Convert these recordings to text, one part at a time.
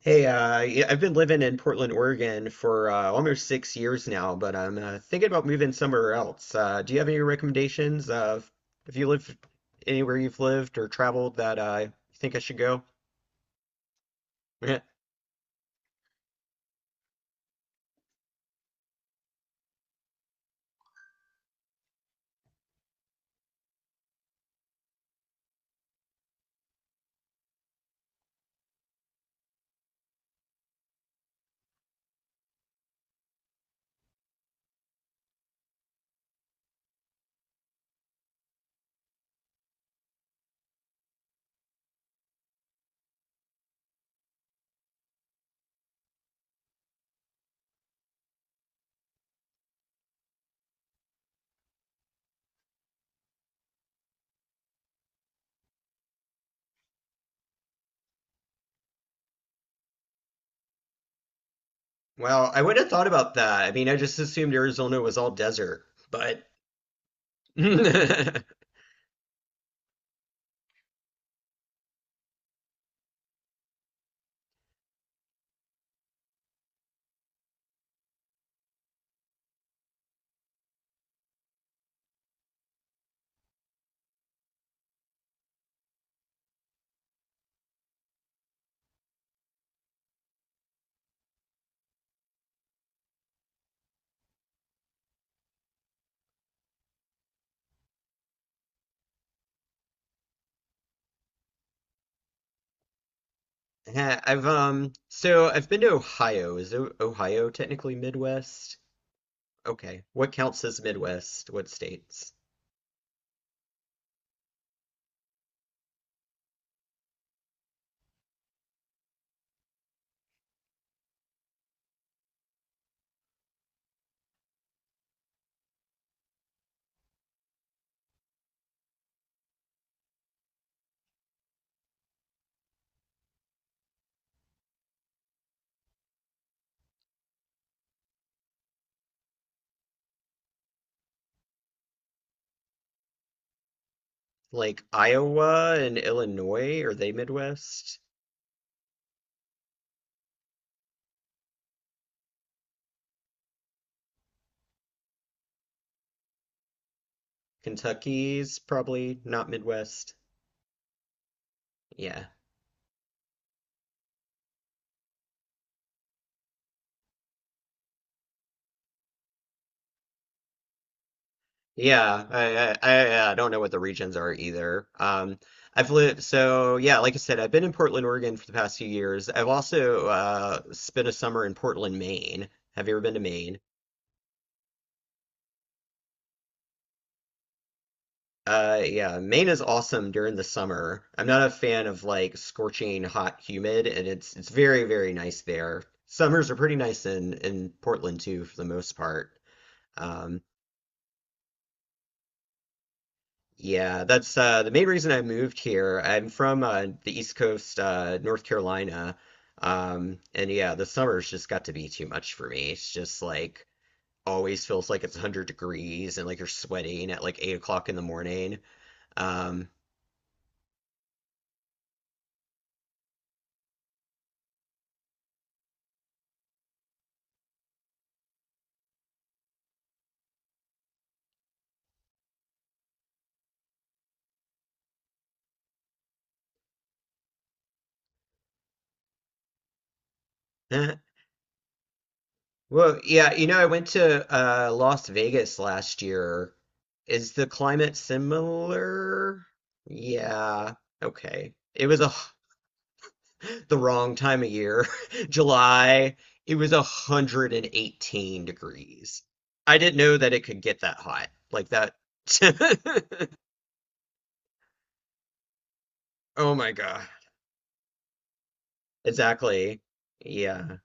Hey, yeah, I've been living in Portland, Oregon for almost 6 years now, but I'm thinking about moving somewhere else. Do you have any recommendations of if you live anywhere you've lived or traveled that you think I should go? Yeah. Well, I would have thought about that. I mean, I just assumed Arizona was all desert, but Heh, I've been to Ohio. Is Ohio technically Midwest? Okay, what counts as Midwest? What states? Like Iowa and Illinois, are they Midwest? Kentucky's probably not Midwest. Yeah. Yeah, I don't know what the regions are either. I've lived so yeah, like I said, I've been in Portland, Oregon for the past few years. I've also spent a summer in Portland, Maine. Have you ever been to Maine? Yeah, Maine is awesome during the summer. I'm not a fan of like scorching hot humid, and it's very, very nice there. Summers are pretty nice in Portland too, for the most part. Um, yeah, that's the main reason I moved here. I'm from the East Coast, North Carolina, and yeah, the summers just got to be too much for me. It's just like always feels like it's 100 degrees and like you're sweating at like 8 o'clock in the morning. Um, Well, yeah, you know, I went to Las Vegas last year. Is the climate similar? Yeah, okay. It was a the wrong time of year. July, it was 118 degrees. I didn't know that it could get that hot. Like that. Oh my God. Exactly. Yeah.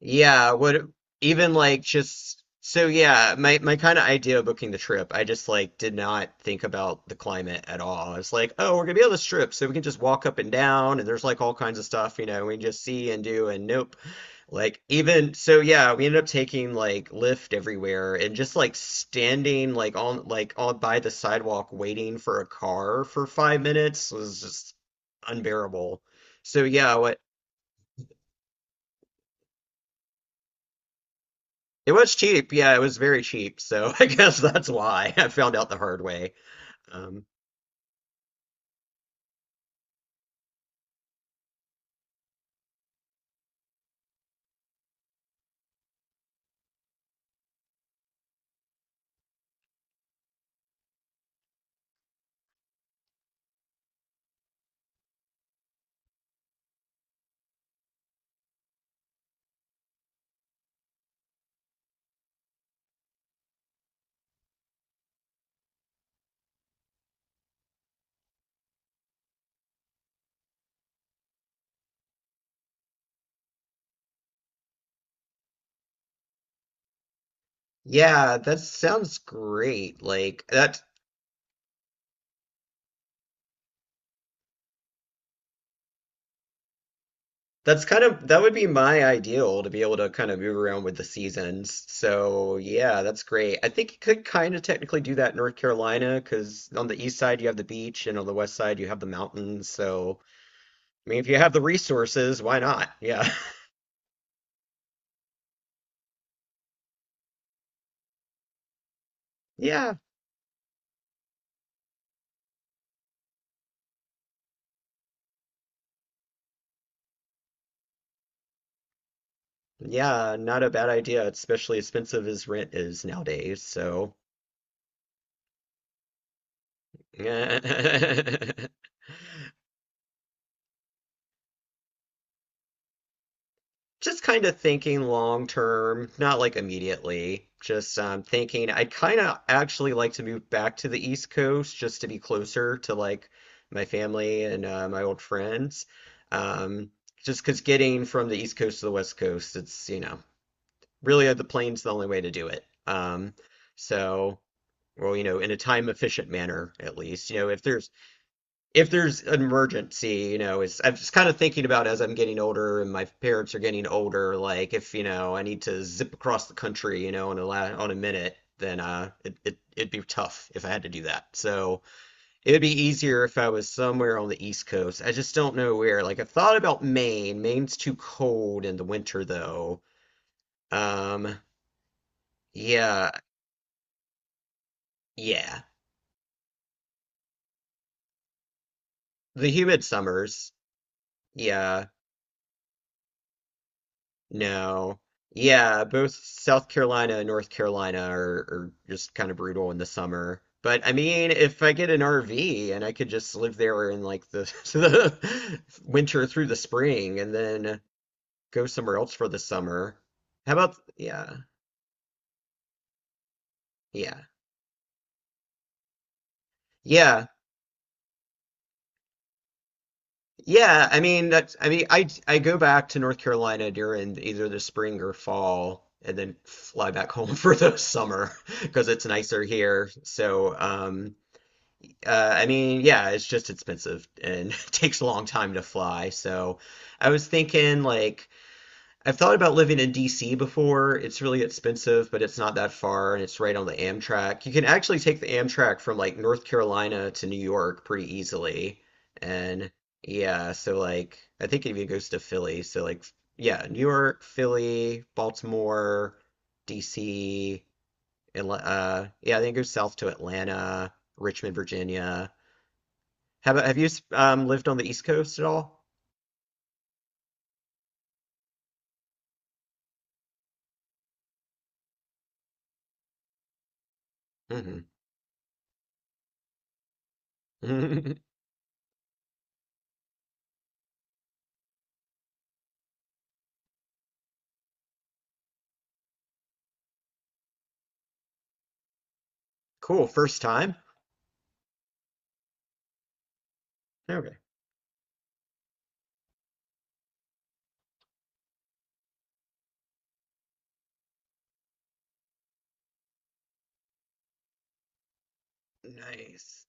Yeah, what even like just so yeah, my kind of idea of booking the trip, I just like did not think about the climate at all. I was like, oh, we're gonna be on this trip, so we can just walk up and down, and there's like all kinds of stuff, you know, we can just see and do, and nope. Like we ended up taking like Lyft everywhere and just like standing like on by the sidewalk waiting for a car for 5 minutes was just unbearable. So yeah, it was cheap. Yeah, it was very cheap. So I guess that's why I found out the hard way. Um, yeah, that sounds great. Like that's kind of that would be my ideal to be able to kind of move around with the seasons. So yeah, that's great. I think you could kind of technically do that in North Carolina because on the east side you have the beach and on the west side you have the mountains. So I mean, if you have the resources, why not? Yeah. Yeah. Yeah, not a bad idea, especially expensive as rent is nowadays. So Just kind of thinking long term, not like immediately. Just thinking I'd kind of actually like to move back to the East Coast just to be closer to like my family and my old friends. Um, just because getting from the East Coast to the West Coast, it's, you know, really the plane's the only way to do it. So, well, you know, in a time efficient manner, at least. You know, if there's an emergency, you know, it's I'm just kind of thinking about as I'm getting older and my parents are getting older, like if, you know, I need to zip across the country, you know, in a la on a minute, then it'd be tough if I had to do that. So it'd be easier if I was somewhere on the East Coast. I just don't know where. Like I've thought about Maine. Maine's too cold in the winter though. Um yeah, yeah. The humid summers. Yeah. No. Yeah, both South Carolina and North Carolina are just kind of brutal in the summer. But I mean, if I get an RV and I could just live there in like the, the winter through the spring and then go somewhere else for the summer. How about, yeah, yeah, yeah, yeah. I mean, that's, I mean, I go back to North Carolina during either the spring or fall and then fly back home for the summer because it's nicer here. So, I mean, yeah, it's just expensive and takes a long time to fly. So I was thinking, like, I've thought about living in DC before. It's really expensive, but it's not that far and it's right on the Amtrak. You can actually take the Amtrak from like North Carolina to New York pretty easily. And yeah, so like, I think it even goes to Philly. So, like, yeah, New York, Philly, Baltimore, DC, yeah, I think it goes south to Atlanta, Richmond, Virginia. How about, have you lived on the East Coast at all? Hmm. Cool. First time? Okay. Nice.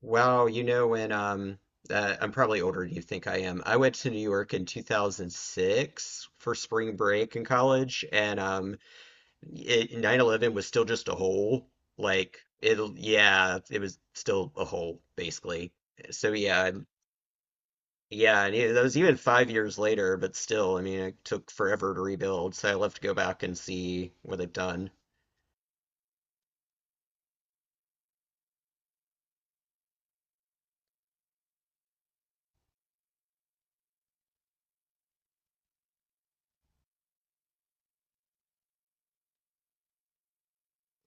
Wow, you know when I'm probably older than you think I am. I went to New York in 2006 for spring break in college and 9/11 was still just a hole. Like it was still a hole basically. So yeah, yeah, and that was even 5 years later, but still, I mean, it took forever to rebuild, so I'll have to go back and see what they've done.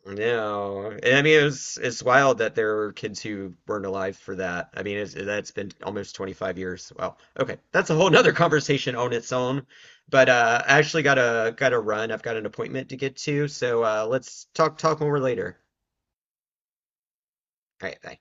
No, and I mean, it's wild that there were kids who weren't alive for that. I mean, that's been almost 25 years. Wow. Okay, that's a whole nother conversation on its own. But I actually got to run. I've got an appointment to get to, so let's talk more later. All right, bye.